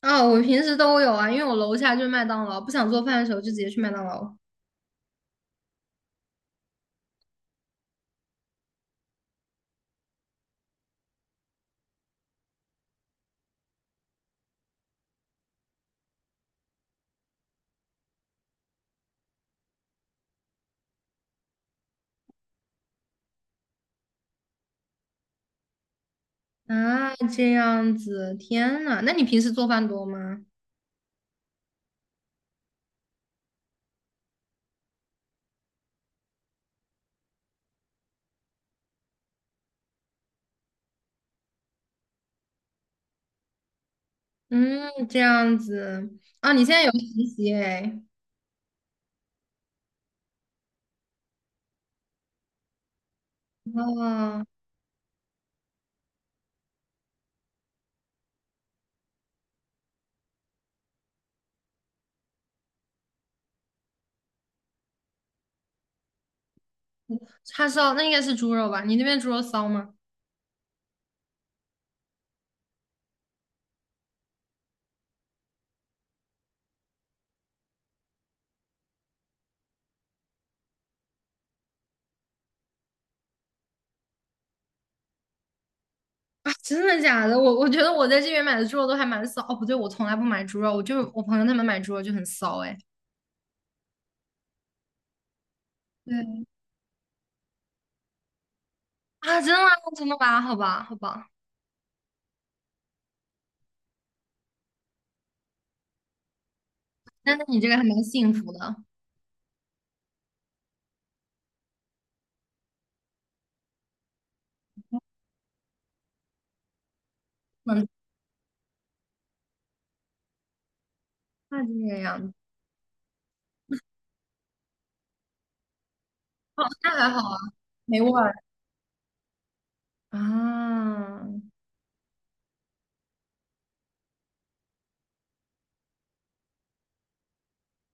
啊，我平时都有啊，因为我楼下就是麦当劳，不想做饭的时候就直接去麦当劳。啊，这样子，天呐，那你平时做饭多吗？嗯，这样子。啊，你现在有实习哎？哦，叉烧，那应该是猪肉吧？你那边猪肉骚吗？啊，真的假的？我觉得我在这边买的猪肉都还蛮骚。哦，不对，我从来不买猪肉，我就是我朋友他们买猪肉就很骚哎。对啊，真的吗？真的吧？好吧，好吧，那你这个还蛮幸福的。嗯，那这个样子。那还好啊，没味儿。啊，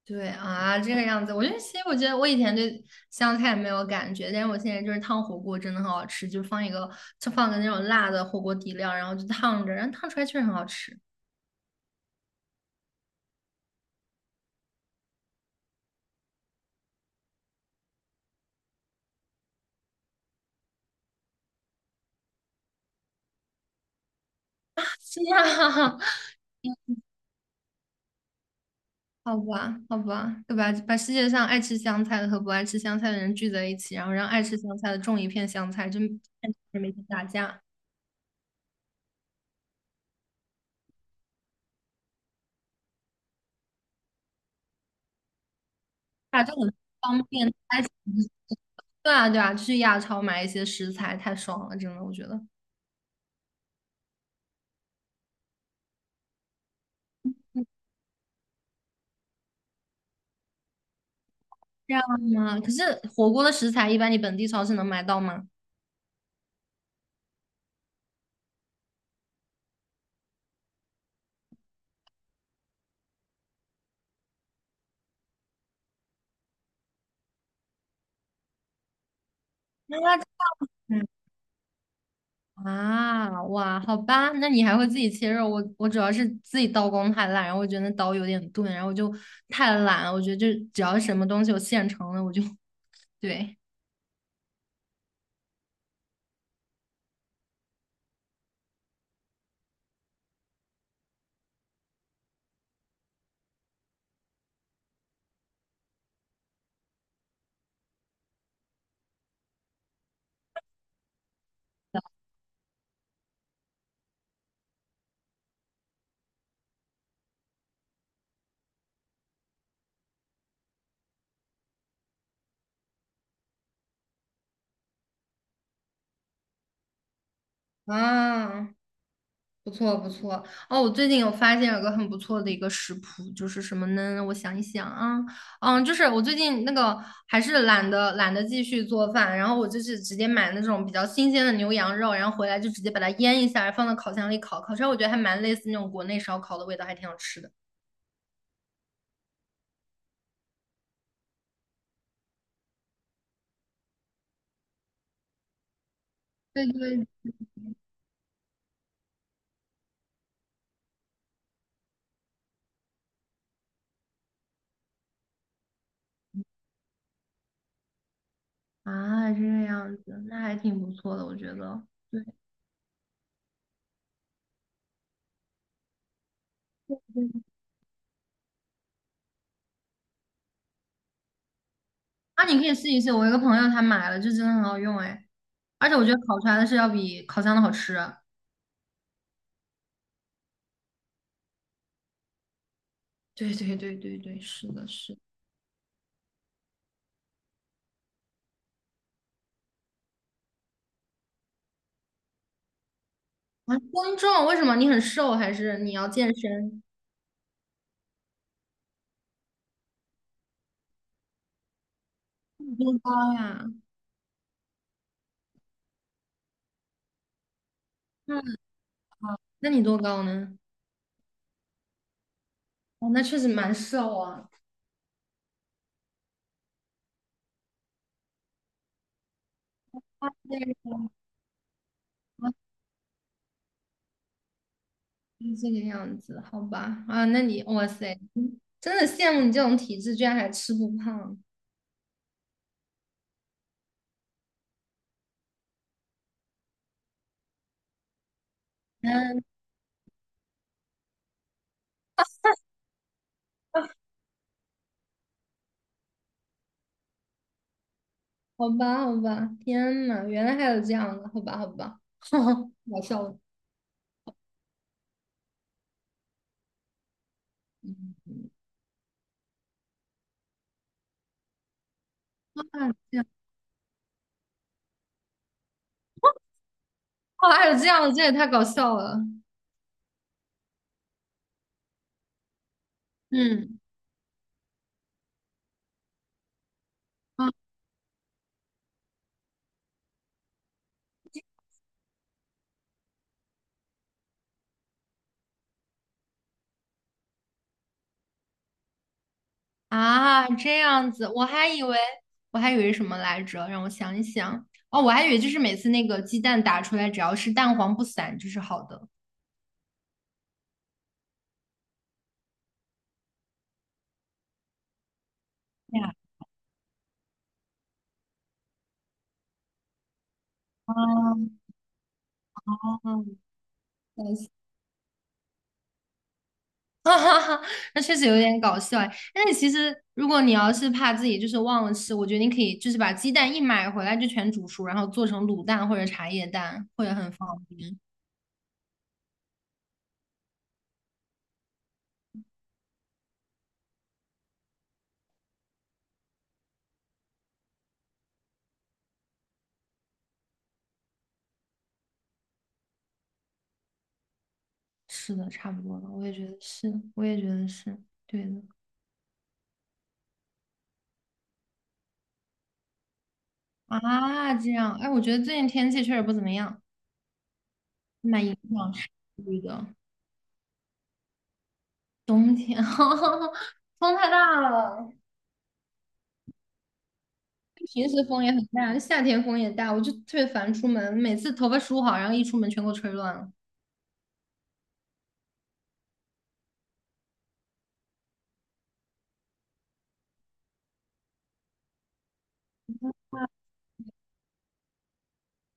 对啊，这个样子，我觉得其实我觉得我以前对香菜没有感觉，但是我现在就是烫火锅真的很好吃，就放个那种辣的火锅底料，然后就烫着，然后烫出来确实很好吃。是呀，好吧，好吧，对吧？把世界上爱吃香菜的和不爱吃香菜的人聚在一起，然后让爱吃香菜的种一片香菜，就每天打架，打架很方便。对啊，对啊，去亚超买一些食材太爽了，真的，我觉得。这样吗？可是火锅的食材一般你本地超市能买到吗？那嗯。啊，哇，好吧，那你还会自己切肉？我主要是自己刀工太烂，然后我觉得那刀有点钝，然后我就太懒了。我觉得就只要什么东西有现成的，我就 对啊。不错不错哦，我最近有发现有个很不错的一个食谱，就是什么呢？我想一想啊，嗯，就是我最近那个还是懒得继续做饭，然后我就是直接买那种比较新鲜的牛羊肉，然后回来就直接把它腌一下，放到烤箱里烤，烤出来我觉得还蛮类似那种国内烧烤的味道，还挺好吃的。对对啊，这个样子，那还挺不错的，我觉得。对对啊，你可以试一试，我一个朋友他买了，就真的很好用哎，而且我觉得烤出来的是要比烤箱的好吃。对对对对对，是的，是的。啊，公众，为什么你很瘦，还是你要健身？你多高呀？嗯，那你多高呢？哦，那确实蛮瘦啊。啊，对啊，是这个样子，好吧。啊，那你，哇塞，真的羡慕你这种体质，居然还吃不胖。嗯，好吧，好吧。天呐，原来还有这样的，好吧，好吧。搞笑了。嗯，哇，还有这样的，这也太搞笑了。嗯。啊。啊，这样子，我还以为我还以为什么来着？让我想一想。哦，我还以为就是每次那个鸡蛋打出来，只要是蛋黄不散就是好的。啊，搞笑。 哈哈哈，那确实有点搞笑哎。但是其实，如果你要是怕自己就是忘了吃，我觉得你可以就是把鸡蛋一买回来就全煮熟，然后做成卤蛋或者茶叶蛋，会很方便。是的，差不多了，我也觉得是，我也觉得是对的啊。这样，哎，我觉得最近天气确实不怎么样。蛮影响是的，冬天 风太大了，平时风也很大，夏天风也大，我就特别烦出门，每次头发梳好，然后一出门全给我吹乱了，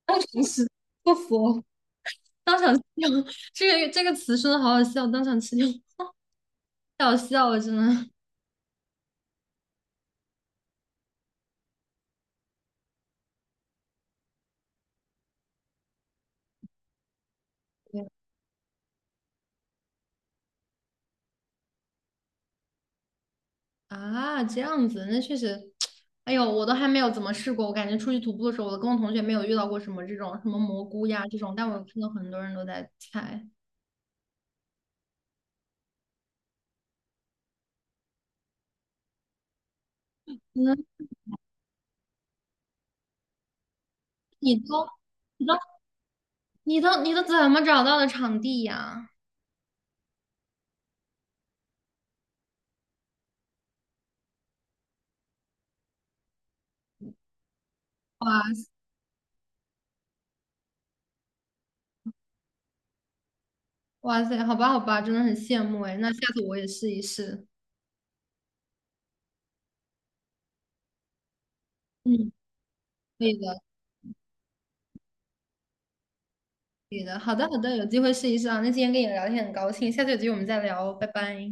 当场吃不服，当场吃掉 这个词说的好好笑，当场吃掉，太好笑了，真的。对啊，这样子，那确实，哎呦，我都还没有怎么试过，我感觉出去徒步的时候，我跟我同学没有遇到过什么这种什么蘑菇呀这种，但我有看到很多人都在猜。可嗯，你都。你都怎么找到的场地呀？哇，哇塞，好吧好吧，真的很羡慕哎。那下次我也试一试。嗯，可以的，可以的。好的好的，有机会试一试啊。那今天跟你聊天很高兴，下次有机会我们再聊哦，拜拜。